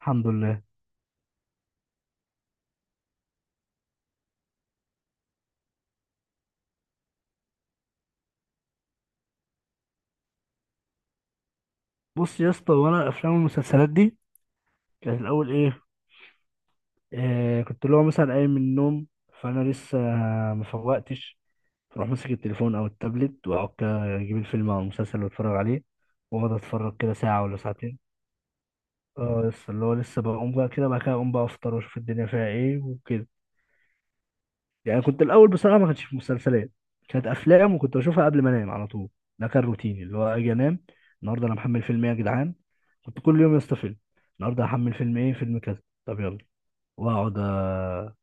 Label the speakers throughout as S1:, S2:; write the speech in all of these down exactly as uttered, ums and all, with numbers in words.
S1: الحمد لله. بص يا اسطى، وانا افلام المسلسلات دي كانت الاول ايه؟ آه، كنت اللي هو مثلا قايم من النوم، فانا لسه ما فوقتش. فاروح ماسك التليفون او التابلت، واقعد كده اجيب الفيلم او المسلسل واتفرج عليه. واقعد اتفرج كده ساعه ولا ساعتين. اه، لسه اللي هو لسه بقوم بقى، كده بعد كده اقوم بقى افطر واشوف الدنيا فيها ايه وكده. يعني كنت الاول بصراحه ما كانتش في مسلسلات، كانت افلام، وكنت بشوفها قبل ما انام على طول. ده كان روتيني، اللي هو اجي انام، النهارده انا محمل فيلم ايه يا جدعان. كنت كل يوم يا اسطى فيلم. النهارده هحمل فيلم ايه، فيلم كذا، طب يلا، واقعد آه،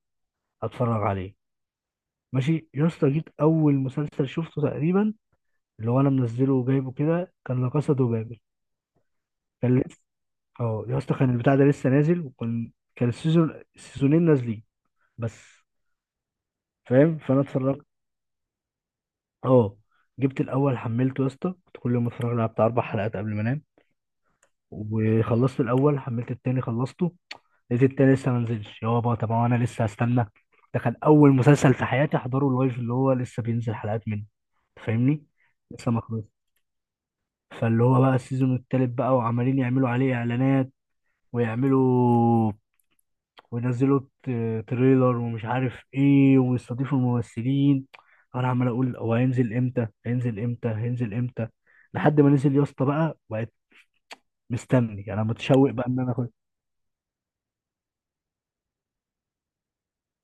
S1: اتفرج عليه. ماشي يا اسطى، جيت اول مسلسل شفته تقريبا، اللي هو انا منزله وجايبه كده، كان لا كاسا دو بابل. كان لسه، اه يا اسطى، كان البتاع ده لسه نازل، وكان كان السيزون السيزونين نازلين بس. فاهم، فانا اتفرجت. اه، جبت الاول، حملته يا اسطى، كنت كل يوم اتفرج على بتاع اربع حلقات قبل ما انام، وخلصت الاول، حملت التاني، خلصته. لقيت التاني لسه ما نزلش. يابا، طب هو انا لسه هستنى؟ ده كان اول مسلسل في حياتي احضره اللايف، اللي هو لسه بينزل حلقات منه. أنت فاهمني، لسه ما خلصش. فاللي هو بقى السيزون التالت بقى، وعمالين يعملوا عليه اعلانات، ويعملوا، وينزلوا ت- تريلر، ومش عارف ايه، ويستضيفوا الممثلين. انا عمال اقول هو هينزل امتى، هينزل امتى، هينزل امتى، لحد ما نزل يا اسطى. بقى بقيت مستني، انا متشوق بقى ان انا اخد.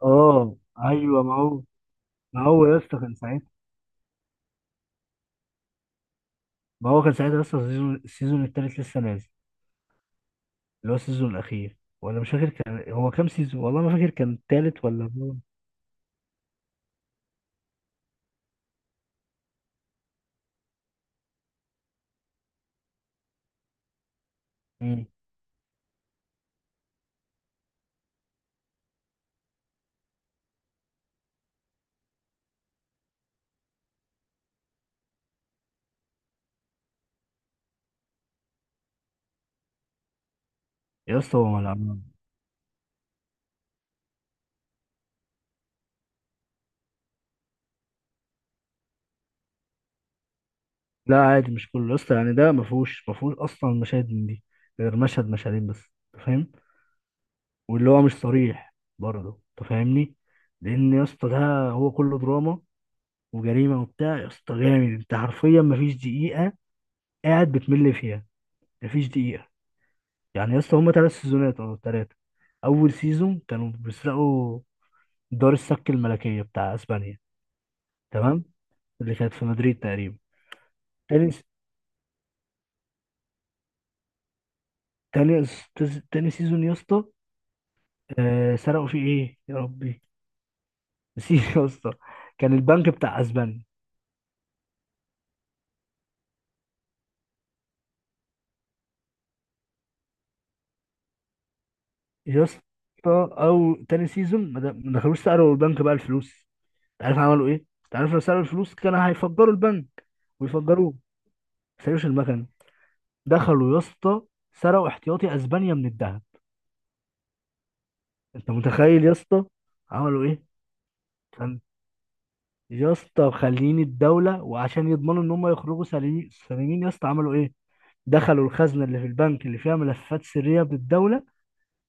S1: اه، ايوه، ما هو، ما هو يا اسطى كان ساعتها، ما هو كان ساعتها يا اسطى السيزون السيزون التالت لسه نازل، اللي هو السيزون الاخير، ولا مش فاكر كان هو كام سيزون. والله ما فاكر كان التالت ولا هو. مم. يا اسطى هو ملعب. لا، عادي، مش كله يا اسطى، يعني ده ما فيهوش ما فيهوش اصلا مشاهد من دي، غير مشهد مشهدين بس. انت فاهم، واللي هو مش صريح برضه، انت فاهمني. لان يا اسطى ده هو كله دراما وجريمه وبتاع، يا اسطى جامد. انت حرفيا ما فيش دقيقه قاعد بتمل فيها. ما فيش دقيقه. يعني يا اسطى هما ثلاث سيزونات او ثلاثه. اول سيزون كانوا بيسرقوا دار السك الملكيه بتاع اسبانيا، تمام، اللي كانت في مدريد تقريبا. تاني تاني تاني سيزون يا اسطى، آه سرقوا فيه ايه يا ربي؟ نسيت يا اسطى. كان البنك بتاع اسبانيا. يا اسطى، او تاني سيزون، ما د- ما دخلوش سألوا البنك بقى الفلوس. انت عارف عملوا ايه؟ انت عارف لو سألوا الفلوس كان هيفجروا البنك ويفجروه. ما سالوش المكنه. دخلوا يا اسطى، سرقوا احتياطي اسبانيا من الذهب. انت متخيل يا اسطى عملوا ايه؟ كان، يا اسطى خليني، الدوله وعشان يضمنوا ان هم يخرجوا سليمين سليمين، يا اسطى عملوا ايه؟ دخلوا الخزنه اللي في البنك، اللي فيها ملفات سريه بالدوله،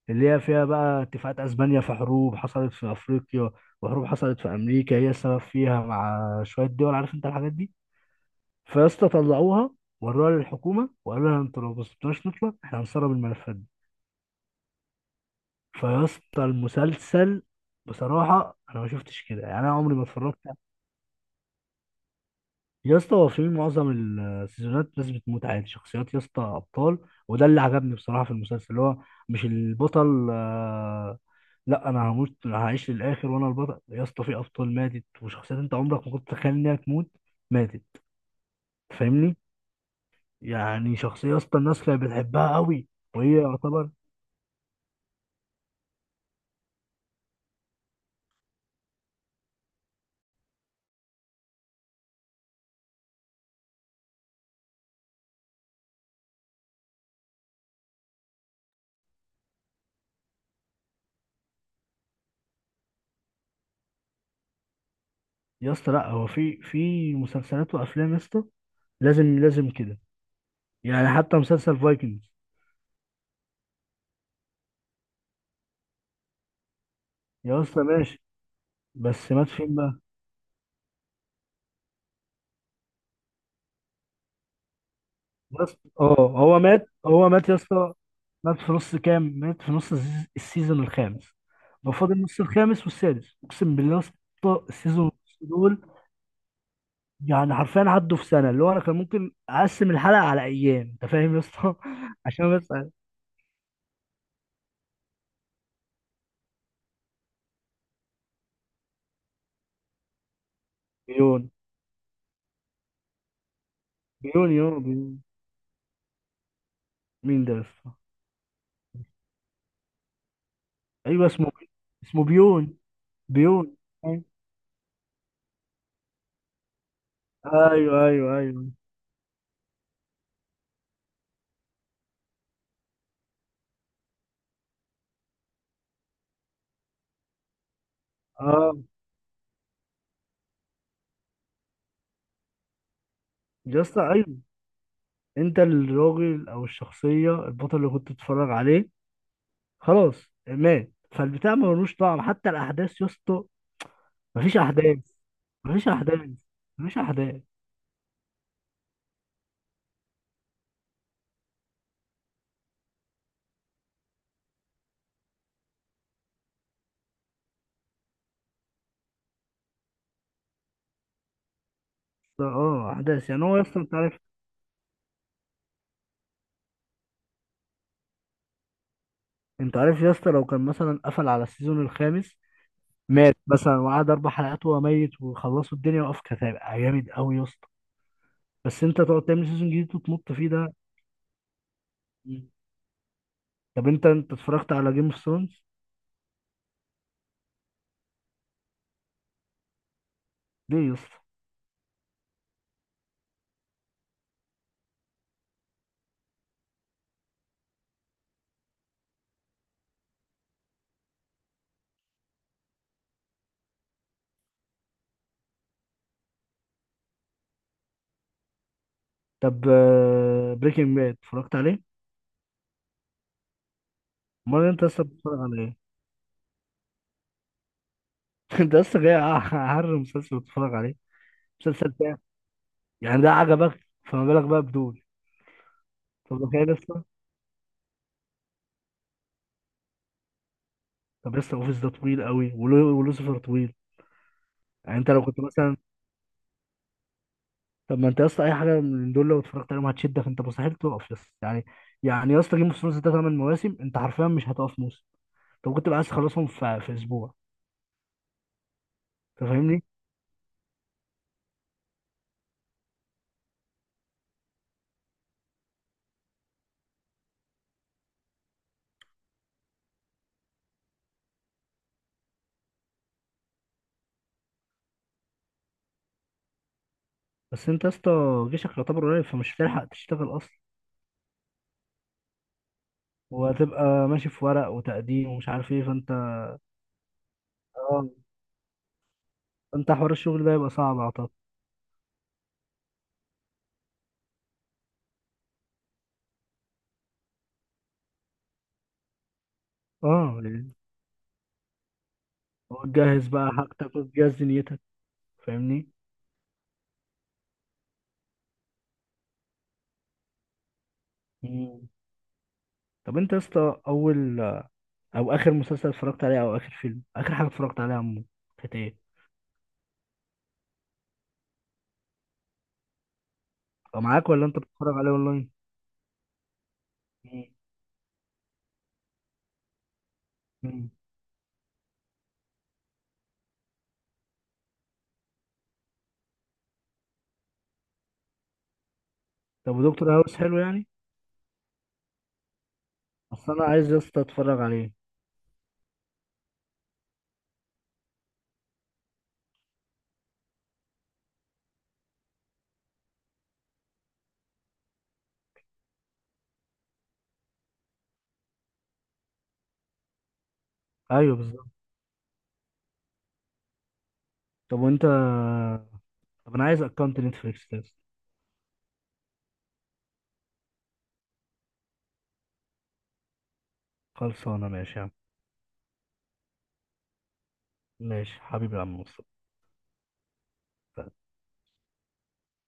S1: اللي هي فيها بقى اتفاقات اسبانيا في حروب حصلت في افريقيا، وحروب حصلت في امريكا هي السبب فيها، مع شويه دول، عارف انت الحاجات دي. فيا اسطى طلعوها، وروها للحكومه وقالوا لها انتوا لو ما سبتوناش نطلع، احنا هنسرب الملفات دي. فيا اسطى المسلسل، بصراحه انا ما شفتش كده، يعني انا عمري ما اتفرجت. يا اسطى هو في معظم السيزونات ناس بتموت عادي، شخصيات يا اسطى ابطال. وده اللي عجبني بصراحه في المسلسل، اللي هو مش البطل آه، لا، انا هموت، هعيش للاخر وانا البطل. يا اسطى في ابطال ماتت، وشخصيات انت عمرك ما كنت تتخيل انها تموت ماتت. فاهمني؟ يعني شخصيه يا اسطى الناس كانت بتحبها قوي، وهي يعتبر، يا اسطى، لا، هو في في مسلسلات وافلام، يا اسطى لازم لازم كده. يعني حتى مسلسل فايكنجز، يا اسطى ماشي، بس مات فين بقى؟ بس اه، هو مات، هو مات يا اسطى، مات في نص كام، مات في نص الز- السيزون الخامس. هو فاضل نص الخامس والسادس. اقسم بالله يا اسطى السيزون ونص دول، يعني حرفيا عدوا في سنه. اللي هو انا كان ممكن اقسم الحلقه على ايام، انت فاهم يا اسطى عشان بس. بيون بيون يون بيون، مين ده يا اسطى؟ ايوه، اسمه اسمه بيون، بيون، ايوه، ايوه، ايوه، أيوة. اه يا اسطى، ايوه. انت الراجل او الشخصيه البطل اللي كنت بتتفرج عليه خلاص مات، فالبتاع ملوش طعم، حتى الاحداث يا اسطى. مفيش احداث، مفيش احداث، مفيش احداث. اه، احداث يعني، هو يا اسطى انت عارف، انت عارف يا اسطى لو كان مثلا قفل على السيزون الخامس، مات مثلا وقعد اربع حلقات وهو ميت وخلصوا الدنيا وقف، كانت هيبقى جامد قوي يا اسطى. بس انت تقعد تعمل سيزون جديد وتمط فيه ده. مم. طب انت انت اتفرجت على جيم اوف ثرونز؟ ليه يا اسطى؟ طب بريكنج باد اتفرجت عليه؟ امال انت لسه بتتفرج على ايه؟ انت لسه جاي اعرف مسلسل بتتفرج عليه، مسلسل تاني. يعني ده عجبك، فما بالك بقى بدول؟ طب تخيل لسه. طب لسه اوفيس ده طويل قوي، ولو- ولوسيفر طويل. يعني انت لو كنت مثلا، طب ما انت يا اسطى اي حاجه من دول لو اتفرجت عليهم هتشدك، انت مستحيل تقف يا اسطى يعني. يعني يا اسطى جيم اوف ثرونز ده ثمان مواسم، انت حرفيا مش هتقف موسم. طب كنت بقى عايز تخلصهم في, في اسبوع؟ انت فاهمني. بس انت يا اسطى جيشك يعتبر قريب، فمش هتلحق تشتغل اصلا. وهتبقى ماشي في ورق وتقديم، ومش عارف ايه. فانت اه فانت حوار الشغل ده يبقى صعب اعتقد. اه يعني، وتجهز بقى حاجتك، وتجهز دنيتك. فاهمني. مم. طب انت يا اسطى اول، او اخر مسلسل اتفرجت عليه، او اخر فيلم، اخر حاجه اتفرجت عليها عمو، كانت ايه؟ او معاك ولا انت بتتفرج عليه اونلاين؟ مم. مم. طب ودكتور هاوس حلو يعني؟ اصل انا عايز يا اسطى اتفرج عليه. ايوه بالظبط. طب وانت، طب انا عايز اكونت نتفليكس ده. خلصانه ماشي يا عم. ماشي حبيبي يا عم مصطفى.